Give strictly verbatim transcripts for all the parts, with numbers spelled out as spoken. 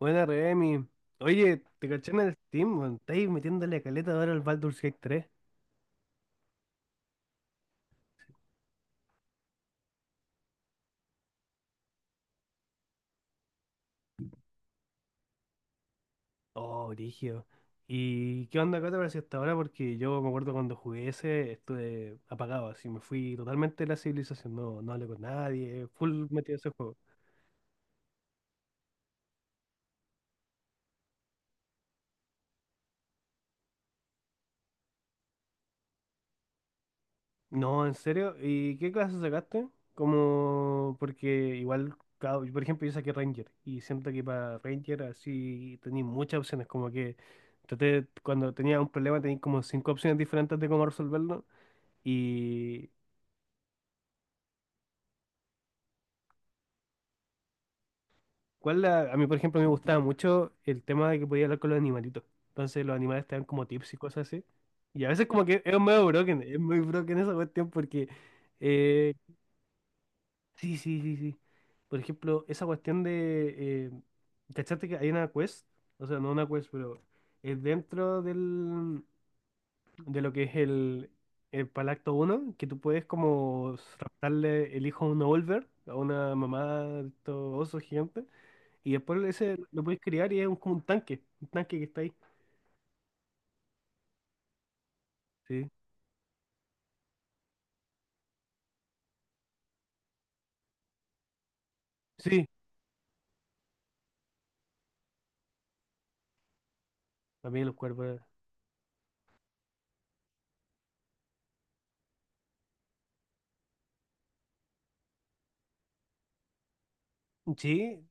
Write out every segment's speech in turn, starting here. Buena, Remy. Oye, te caché en el Steam, weón. Estáis metiéndole caleta ahora al Baldur's Gate tres. Oh, brígido. ¿Y qué onda acá te pareció hasta ahora? Porque yo me acuerdo cuando jugué ese, estuve apagado, así me fui totalmente de la civilización. No, no hablé con nadie, full metido en ese juego. No, ¿en serio? ¿Y qué clase sacaste? Como, porque igual, cada- por ejemplo, yo saqué Ranger y siento que para Ranger así tenéis muchas opciones, como que traté, cuando tenía un problema tenéis como cinco opciones diferentes de cómo resolverlo. Y cuál la- a mí, por ejemplo, me gustaba mucho el tema de que podía hablar con los animalitos. Entonces los animales te dan como tips y cosas así. Y a veces como que es medio broken, es muy broken esa cuestión porque... eh, Sí, sí, sí, sí. Por ejemplo, esa cuestión de... eh, ¿cachaste que hay una quest? O sea, no una quest, pero es dentro del, de lo que es el, el Palacto uno que tú puedes como raptarle el hijo a un olver a una mamá de estos osos gigantes, y después ese lo puedes criar y es un- como un tanque, un tanque que está ahí. Sí, sí, también los cuervos. Sí,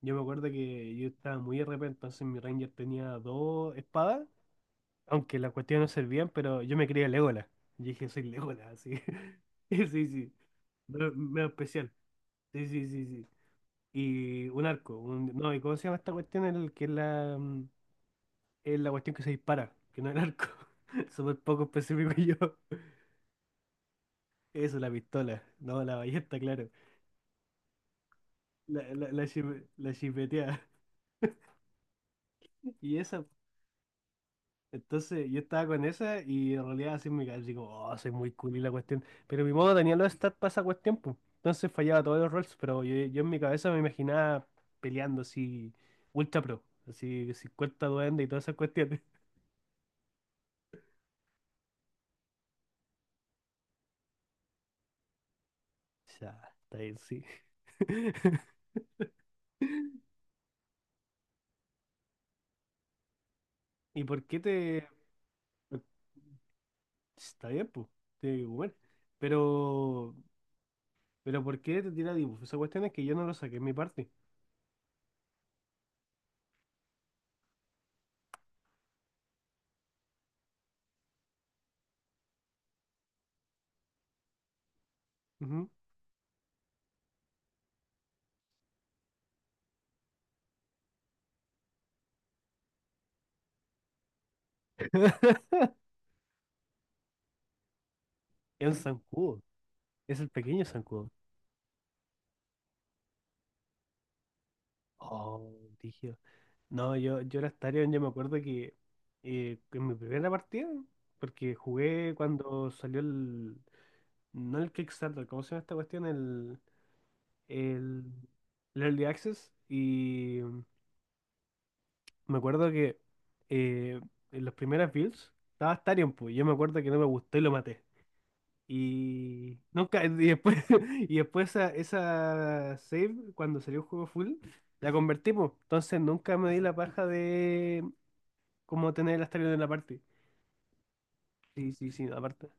yo me acuerdo que yo estaba muy R P, entonces mi ranger tenía dos espadas. Aunque la cuestión no servían, pero yo me creía Legolas. Y dije, soy Legolas, así. Sí, sí. Pero medio especial. Sí, sí, sí, sí. Y un arco. un- No, ¿y cómo se llama esta cuestión? El que es la, mm, es la cuestión que se dispara, que no es el arco. Súper poco específico yo. Eso, la pistola. No, la ballesta, claro. La, la, la, chipe- la chipeteada. Y esa, entonces yo estaba con esa y en realidad así me cabeza, digo, oh, soy muy cool y la cuestión. Pero mi modo tenía los stats para esa cuestión, pues. Entonces fallaba todos los rolls, pero yo, yo en mi cabeza me imaginaba peleando así, ultra pro, así cincuenta duendes y todas esas cuestiones. Ya, está bien, sí. ¿Y por qué te...? Está bien, pues, tiene que comer. Pero, pero ¿por qué te tira dibujo? Esa cuestión es que yo no lo saqué en mi parte. Ujú. Es un zancudo, es el pequeño zancudo. Oh, dije no, yo, yo era Starion, yo me acuerdo que eh, en mi primera partida, porque jugué cuando salió el. No el Kickstarter, ¿cómo se llama esta cuestión? El, el, el Early Access. Y me acuerdo que eh, en las primeras builds estaba Starion, pues yo me acuerdo que no me gustó y lo maté. Y nunca, y después, y después esa, esa save, cuando salió el juego full, la convertimos. Entonces nunca me di la paja de como tener el Astarion en la parte. Sí, sí, sí, aparte.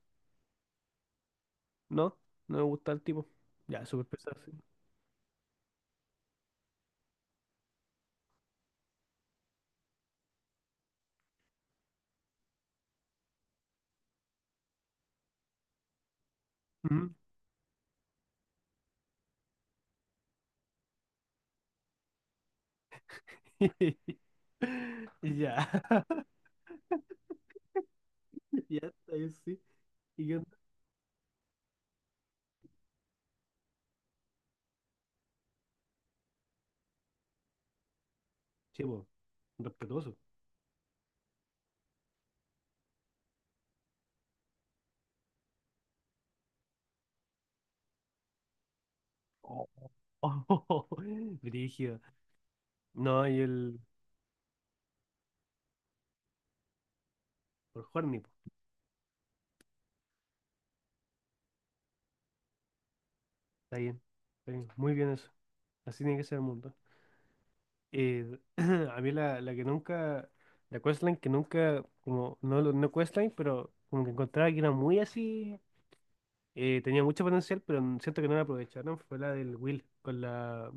No, no me gusta el tipo. Ya, súper pesado, sí. Ujú. Ya, ya está, yo sí. ¿Y qué onda? Sí, po, respetuoso. Oh, oh, brígido. No, y el por Horny, po. Está bien, está bien. Muy bien eso. Así tiene que ser el mundo. Eh, a mí la, la que nunca, la questline que nunca, como, no, lo- no questline, pero como que encontraba que era muy así, eh, tenía mucho potencial, pero n- siento que no la aprovecharon, fue la del Will con la,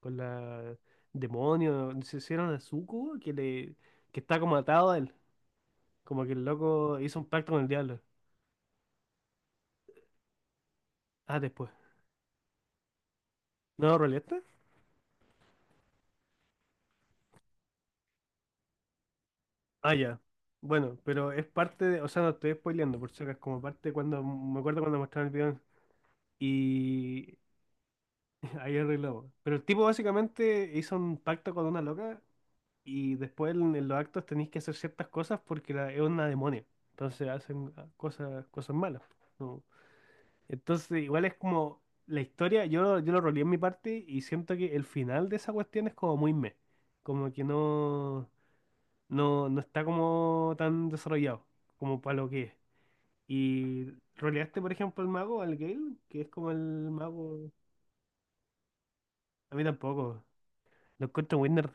con la demonio, se hicieron a Zuko que le, que está como atado a él, como que el loco hizo un pacto con el diablo. Ah, después. ¿No, Roleta? Ah, ya. Bueno, pero es parte de, o sea, no estoy spoileando, por si acaso, es como parte de cuando, me acuerdo cuando mostraron el video. Y ahí arreglamos. Pero el tipo básicamente hizo un pacto con una loca y después en, en los actos tenéis que hacer ciertas cosas porque la, es una demonia. Entonces hacen ah, cosas, cosas malas. ¿No? Entonces igual es como la historia, yo, lo- yo lo roleé en mi parte y siento que el final de esa cuestión es como muy meh. Como que no, no, no está como tan desarrollado como para lo que es. Y roleaste, por ejemplo, el mago, al Gale, que es como el mago... A mí tampoco. Lo encuentro winner.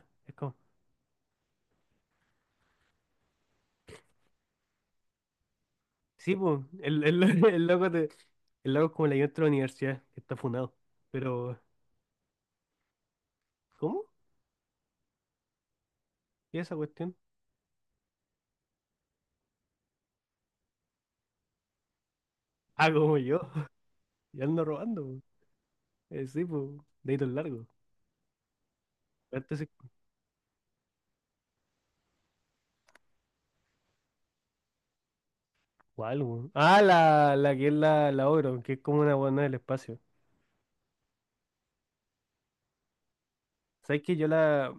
Sí, pues, el, el, el loco de, el loco es como el ayudante de la universidad, que está funado. Pero, ¿cómo? ¿y esa cuestión? Ah, como yo, ya ando robando, po. Eh, sí, pues, deditos largos. Antes, es- ¿cuál, po? Ah, la, la que es la, la Ogro, que es como una buena del espacio. ¿Sabes que yo la,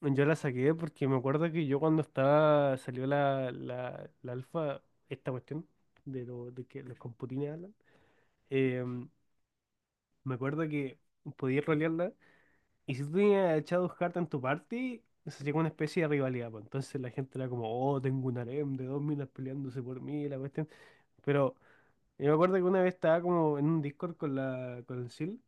yo la saqué porque me acuerdo que yo cuando estaba, salió la, la, la alfa, esta cuestión, de, lo, de que los computines hablan, eh, me acuerdo que podía rolearla. Y si tú tenías a Shadowheart en tu party, se llegó una especie de rivalidad, pues. Entonces la gente era como, oh, tengo un harem de dos minas peleándose por mí, la cuestión. Pero yo me acuerdo que una vez estaba como en un Discord con la con el Sil,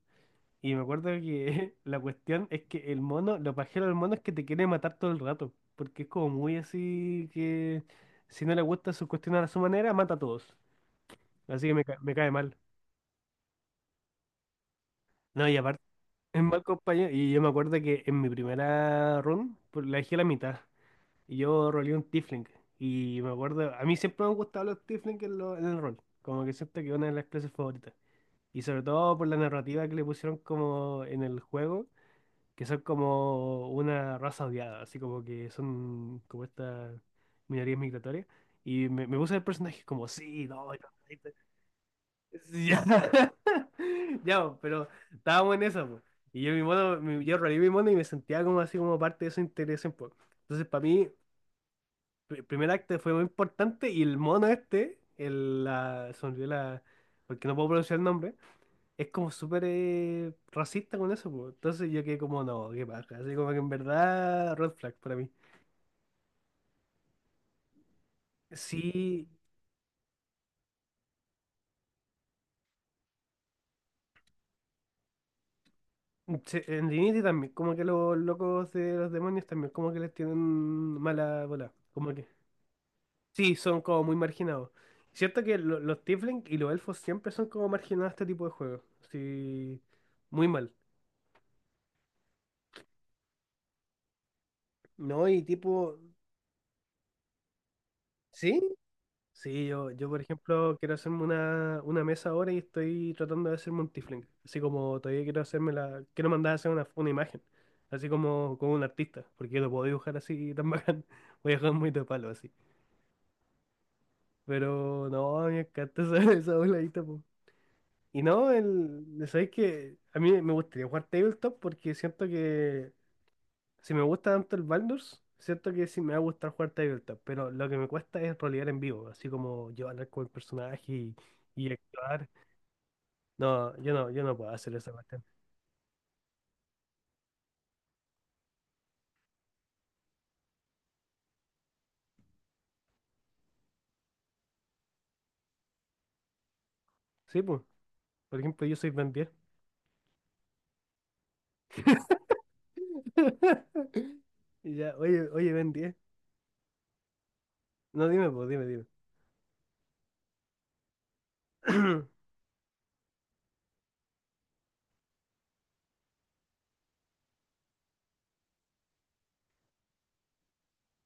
y me acuerdo que la cuestión es que el mono, lo pajero del mono es que te quiere matar todo el rato, porque es como muy así que si no le gusta su cuestión a su manera, mata a todos. Así que me, ca- me cae mal. No, y aparte es mal compañero, y yo me acuerdo que en mi primera run, pues, la dejé a la mitad. Y yo roleé un tiefling. Y me acuerdo, a mí siempre me han gustado los tiefling en, lo- en el rol. Como que siento que es una de las clases favoritas. Y sobre todo por la narrativa que le pusieron como en el juego, que son como una raza odiada, así como que son como estas minorías migratorias. Y me, me puse el personaje como, sí, no, yo- sí, ya, ya, po, pero estábamos en esa, po. Y yo mi mono, mi- yo roleé mi mono y me sentía como así como parte de esa interés un. Entonces para mí pr- primer acto fue muy importante y el mono este, el, la, se me olvidó la, porque no puedo pronunciar el nombre, es como súper eh, racista con eso, po. Entonces yo quedé como, no, qué paja, así como que en verdad, red flag para mí. Sí, se- en Divinity también, como que los locos de los demonios también, como que les tienen mala bola, como que, sí, son como muy marginados. Cierto que lo- los tiefling y los elfos siempre son como marginados a este tipo de juegos, sí, muy mal. No, y tipo, ¿sí? Sí, yo, yo por ejemplo quiero hacerme una, una mesa ahora y estoy tratando de hacerme un tiefling. Así como todavía quiero hacerme la, quiero mandar a hacer una, una imagen, así como, como un artista, porque yo no puedo dibujar así tan bacán. Voy a dejar muy de palo así. Pero no, me encanta esa, esa voladita, po. Y no, el, sabéis que a mí me gustaría jugar tabletop porque siento que si me gusta tanto el Baldur's, cierto que sí me va a gustar jugar Tabletop, pero lo que me cuesta es rolear en vivo, así como yo hablar con el personaje y, y actuar. No, yo no, yo no puedo hacer esa cuestión. Sí, pues, por ejemplo, yo soy Ben diez. Y ya, oye, oye, Ben diez. No, dime, pues, dime, dime.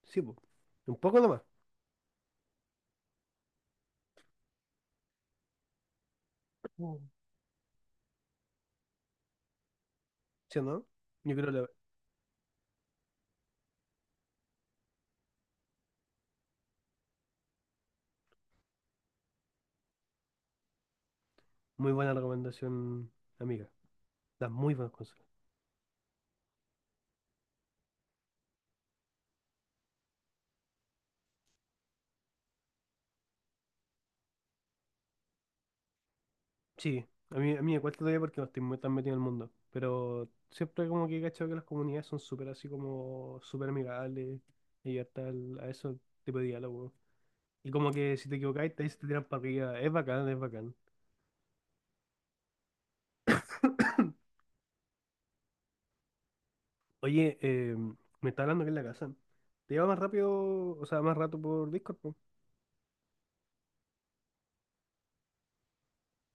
Sí, pues, un poco nomás. Mm. ¿Sí o no? Yo creo que la- muy buena recomendación, amiga. Das muy buenas cosas. Sí, a mí, a mí me cuesta todavía porque no estoy muy tan metido en el mundo, pero siempre como que he cachado que las comunidades son súper así como súper amigables y abiertas al- a ese tipo de diálogo. Y como que si te equivocáis, te, te tiran para arriba. Es bacán, es bacán. Oye, eh, me está hablando que en la casa. Te lleva más rápido, o sea, más rato por Discord.